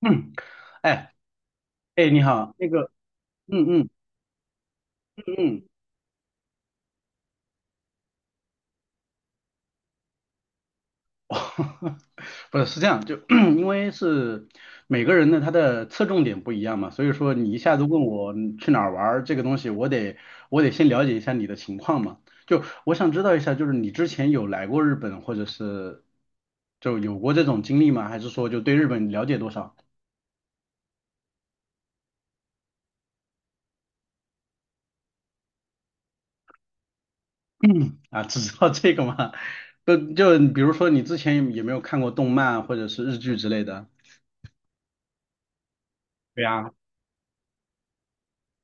嗯，哎哎，你好，那个，嗯嗯嗯，不是这样，就 因为是每个人呢，他的侧重点不一样嘛，所以说你一下子问我去哪儿玩儿这个东西，我得先了解一下你的情况嘛，就我想知道一下，就是你之前有来过日本，或者是就有过这种经历吗？还是说就对日本了解多少啊？只知道这个吗？就比如说你之前有没有看过动漫或者是日剧之类的？对呀。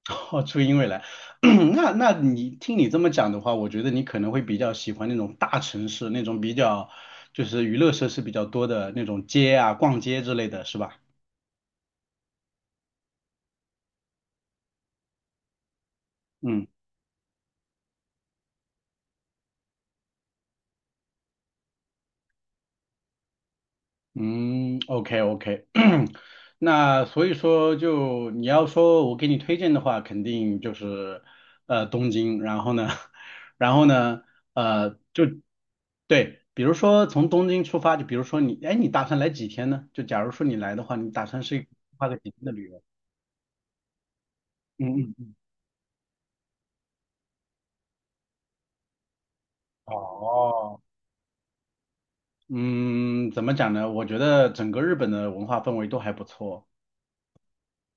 哦，初音未来，那你听你这么讲的话，我觉得你可能会比较喜欢那种大城市，那种比较就是娱乐设施比较多的那种街啊、逛街之类的，是吧？嗯。嗯，OK OK，那所以说就你要说我给你推荐的话，肯定就是东京，然后呢，然后呢，就对，比如说从东京出发，就比如说你，哎，你打算来几天呢？就假如说你来的话，你打算是花个几天的旅游？嗯嗯嗯。哦，嗯，怎么讲呢？我觉得整个日本的文化氛围都还不错。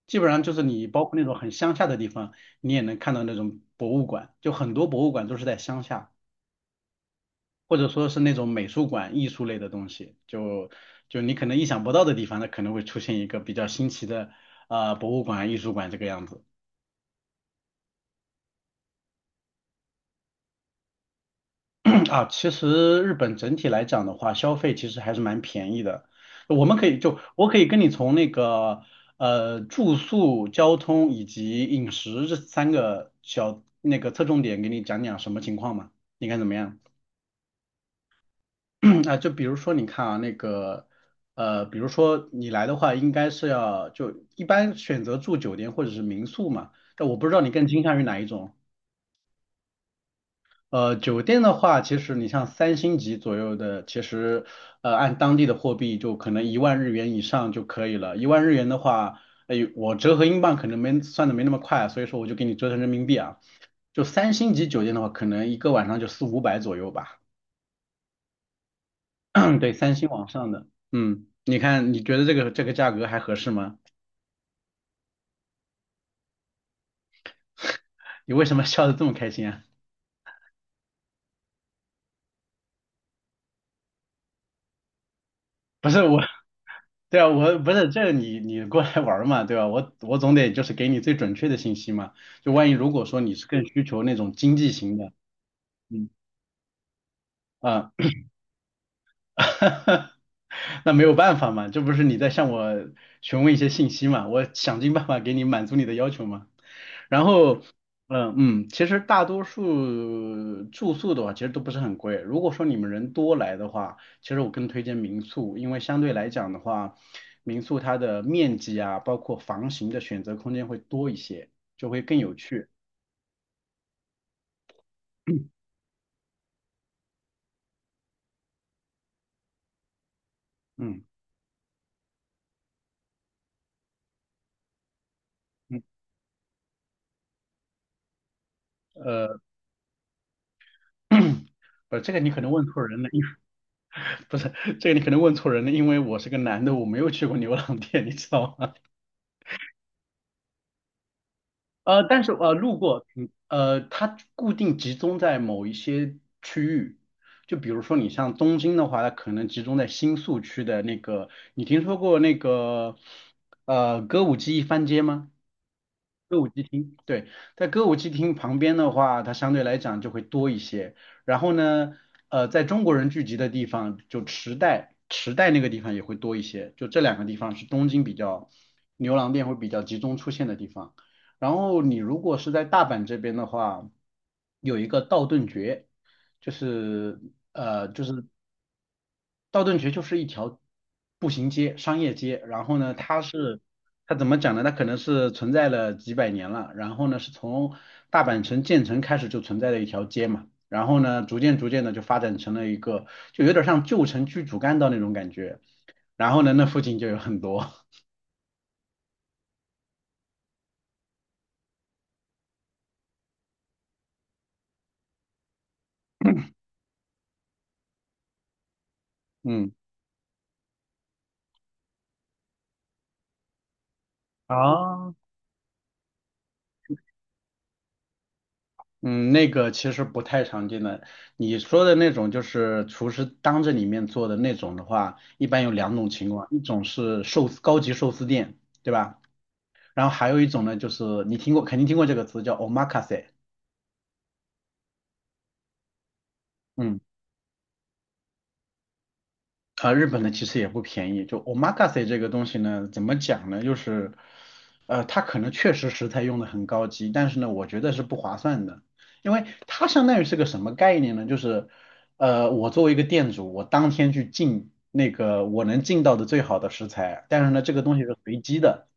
基本上就是你包括那种很乡下的地方，你也能看到那种博物馆，就很多博物馆都是在乡下，或者说是那种美术馆、艺术类的东西，就你可能意想不到的地方，它可能会出现一个比较新奇的博物馆、艺术馆这个样子。啊，其实日本整体来讲的话，消费其实还是蛮便宜的。我们可以就我可以跟你从那个住宿、交通以及饮食这三个小那个侧重点给你讲讲什么情况嘛？你看怎么样？啊，就比如说你看啊，那个比如说你来的话，应该是要就一般选择住酒店或者是民宿嘛。但我不知道你更倾向于哪一种。酒店的话，其实你像三星级左右的，其实按当地的货币就可能一万日元以上就可以了。一万日元的话，哎，我折合英镑可能没算的没那么快，所以说我就给你折成人民币啊。就三星级酒店的话，可能一个晚上就四五百左右吧。对，3星往上的，嗯，你看你觉得这个这个价格还合适吗？你为什么笑得这么开心啊？不是我，对啊，我不是这你你过来玩儿嘛，对吧？我总得就是给你最准确的信息嘛。就万一如果说你是更需求那种经济型的，嗯啊。那没有办法嘛，这不是你在向我询问一些信息嘛，我想尽办法给你满足你的要求嘛。然后，嗯嗯，其实大多数住宿的话，其实都不是很贵。如果说你们人多来的话，其实我更推荐民宿，因为相对来讲的话，民宿它的面积啊，包括房型的选择空间会多一些，就会更有趣。嗯嗯，呃，这个你可能问错人了。不是，这个你可能问错人了，因为我是个男的，我没有去过牛郎店，你知道吗？但是路过，它固定集中在某一些区域，就比如说你像东京的话，它可能集中在新宿区的那个，你听说过那个歌舞伎一番街吗？歌舞伎町，对，在歌舞伎町旁边的话，它相对来讲就会多一些。然后呢，在中国人聚集的地方，就池袋，池袋那个地方也会多一些。就这两个地方是东京比较牛郎店会比较集中出现的地方。然后你如果是在大阪这边的话，有一个道顿崛，就是就是道顿崛就是一条步行街、商业街，然后呢，它怎么讲呢？它可能是存在了几百年了，然后呢，是从大阪城建成开始就存在的一条街嘛，然后呢，逐渐逐渐的就发展成了一个，就有点像旧城区主干道那种感觉，然后呢，那附近就有很多，嗯。啊，嗯，那个其实不太常见的。你说的那种就是厨师当着你面做的那种的话，一般有两种情况，一种是寿司高级寿司店，对吧？然后还有一种呢，就是你听过，肯定听过这个词叫 omakase，嗯，啊，日本的其实也不便宜。就 omakase 这个东西呢，怎么讲呢？就是，它可能确实食材用的很高级，但是呢，我觉得是不划算的，因为它相当于是个什么概念呢？就是，我作为一个店主，我当天去进那个我能进到的最好的食材，但是呢，这个东西是随机的，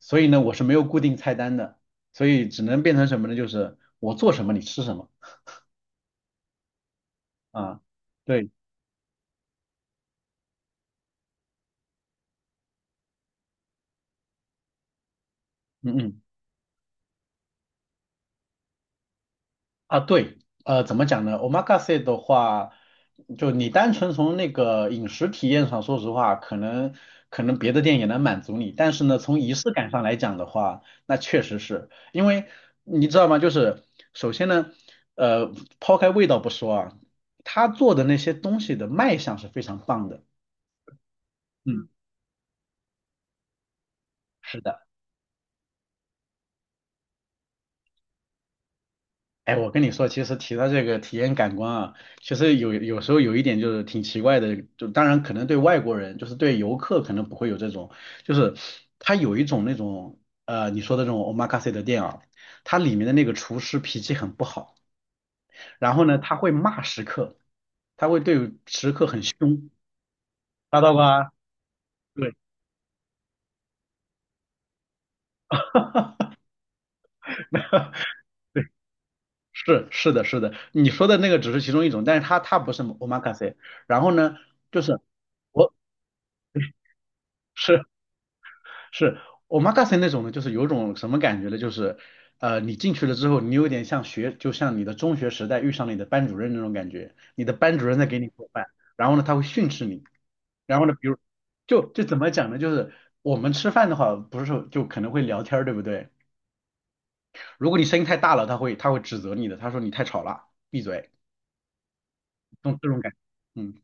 所以呢，我是没有固定菜单的，所以只能变成什么呢？就是我做什么你吃什么。啊，对，嗯嗯啊，对，怎么讲呢？omakase 的话，就你单纯从那个饮食体验上，说实话，可能别的店也能满足你，但是呢，从仪式感上来讲的话，那确实是因为你知道吗？就是首先呢，呃，抛开味道不说啊，他做的那些东西的卖相是非常棒的，嗯，是的。哎，我跟你说，其实提到这个体验感官啊，其实有时候有一点就是挺奇怪的，就当然可能对外国人，就是对游客可能不会有这种，就是他有一种那种你说的这种 omakase 的店啊，它里面的那个厨师脾气很不好，然后呢他会骂食客，他会对食客很凶，抓到吧？对，是是的是的，你说的那个只是其中一种，但是他不是 omakase，然后呢就是我是是 omakase 那种呢，就是有种什么感觉呢？就是，你进去了之后，你有点像学，就像你的中学时代遇上了你的班主任那种感觉。你的班主任在给你做饭，然后呢，他会训斥你。然后呢，比如，就怎么讲呢？就是我们吃饭的话，不是说就可能会聊天儿，对不对？如果你声音太大了，他会指责你的，他说你太吵了，闭嘴，这种这种感觉嗯。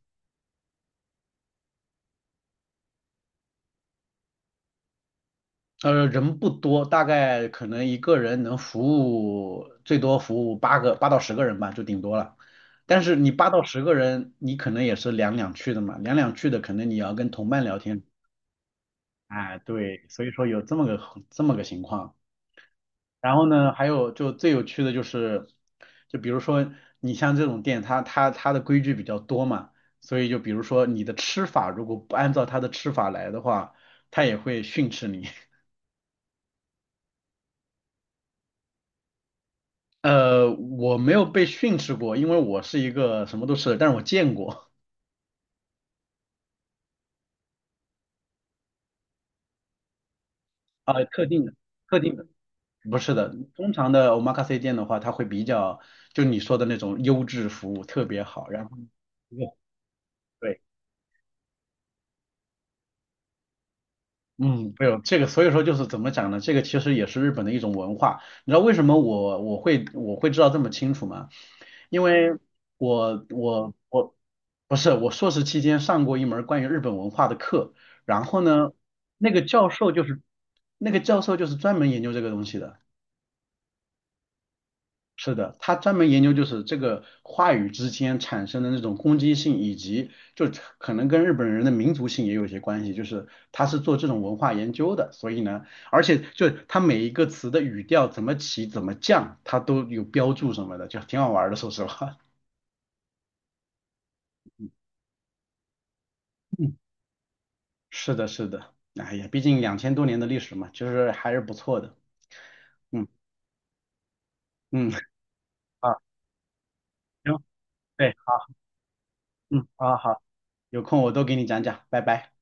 人不多，大概可能一个人能服务最多服务八到十个人吧，就顶多了。但是你八到十个人，你可能也是两两去的嘛，两两去的可能你要跟同伴聊天。哎，对，所以说有这么个这么个情况。然后呢，还有就最有趣的就是，就比如说你像这种店，它的规矩比较多嘛，所以就比如说你的吃法如果不按照它的吃法来的话，它也会训斥你。我没有被训斥过，因为我是一个什么都吃的，但是我见过啊、特定的，特定的，不是的，通常的 omakase 店的话，它会比较就你说的那种优质服务特别好，然后对嗯，没有这个，所以说就是怎么讲呢？这个其实也是日本的一种文化。你知道为什么我会知道这么清楚吗？因为我不是我硕士期间上过一门关于日本文化的课，然后呢，那个教授就是那个教授就是专门研究这个东西的。是的，他专门研究就是这个话语之间产生的那种攻击性，以及就可能跟日本人的民族性也有一些关系。就是他是做这种文化研究的，所以呢，而且就他每一个词的语调怎么起、怎么降，他都有标注什么的，就挺好玩儿的。说实话，嗯，是的，是的，哎呀，毕竟2000多年的历史嘛，就是还是不错的。嗯嗯，啊，行，对，好，嗯，好好，有空我都给你讲讲，拜拜。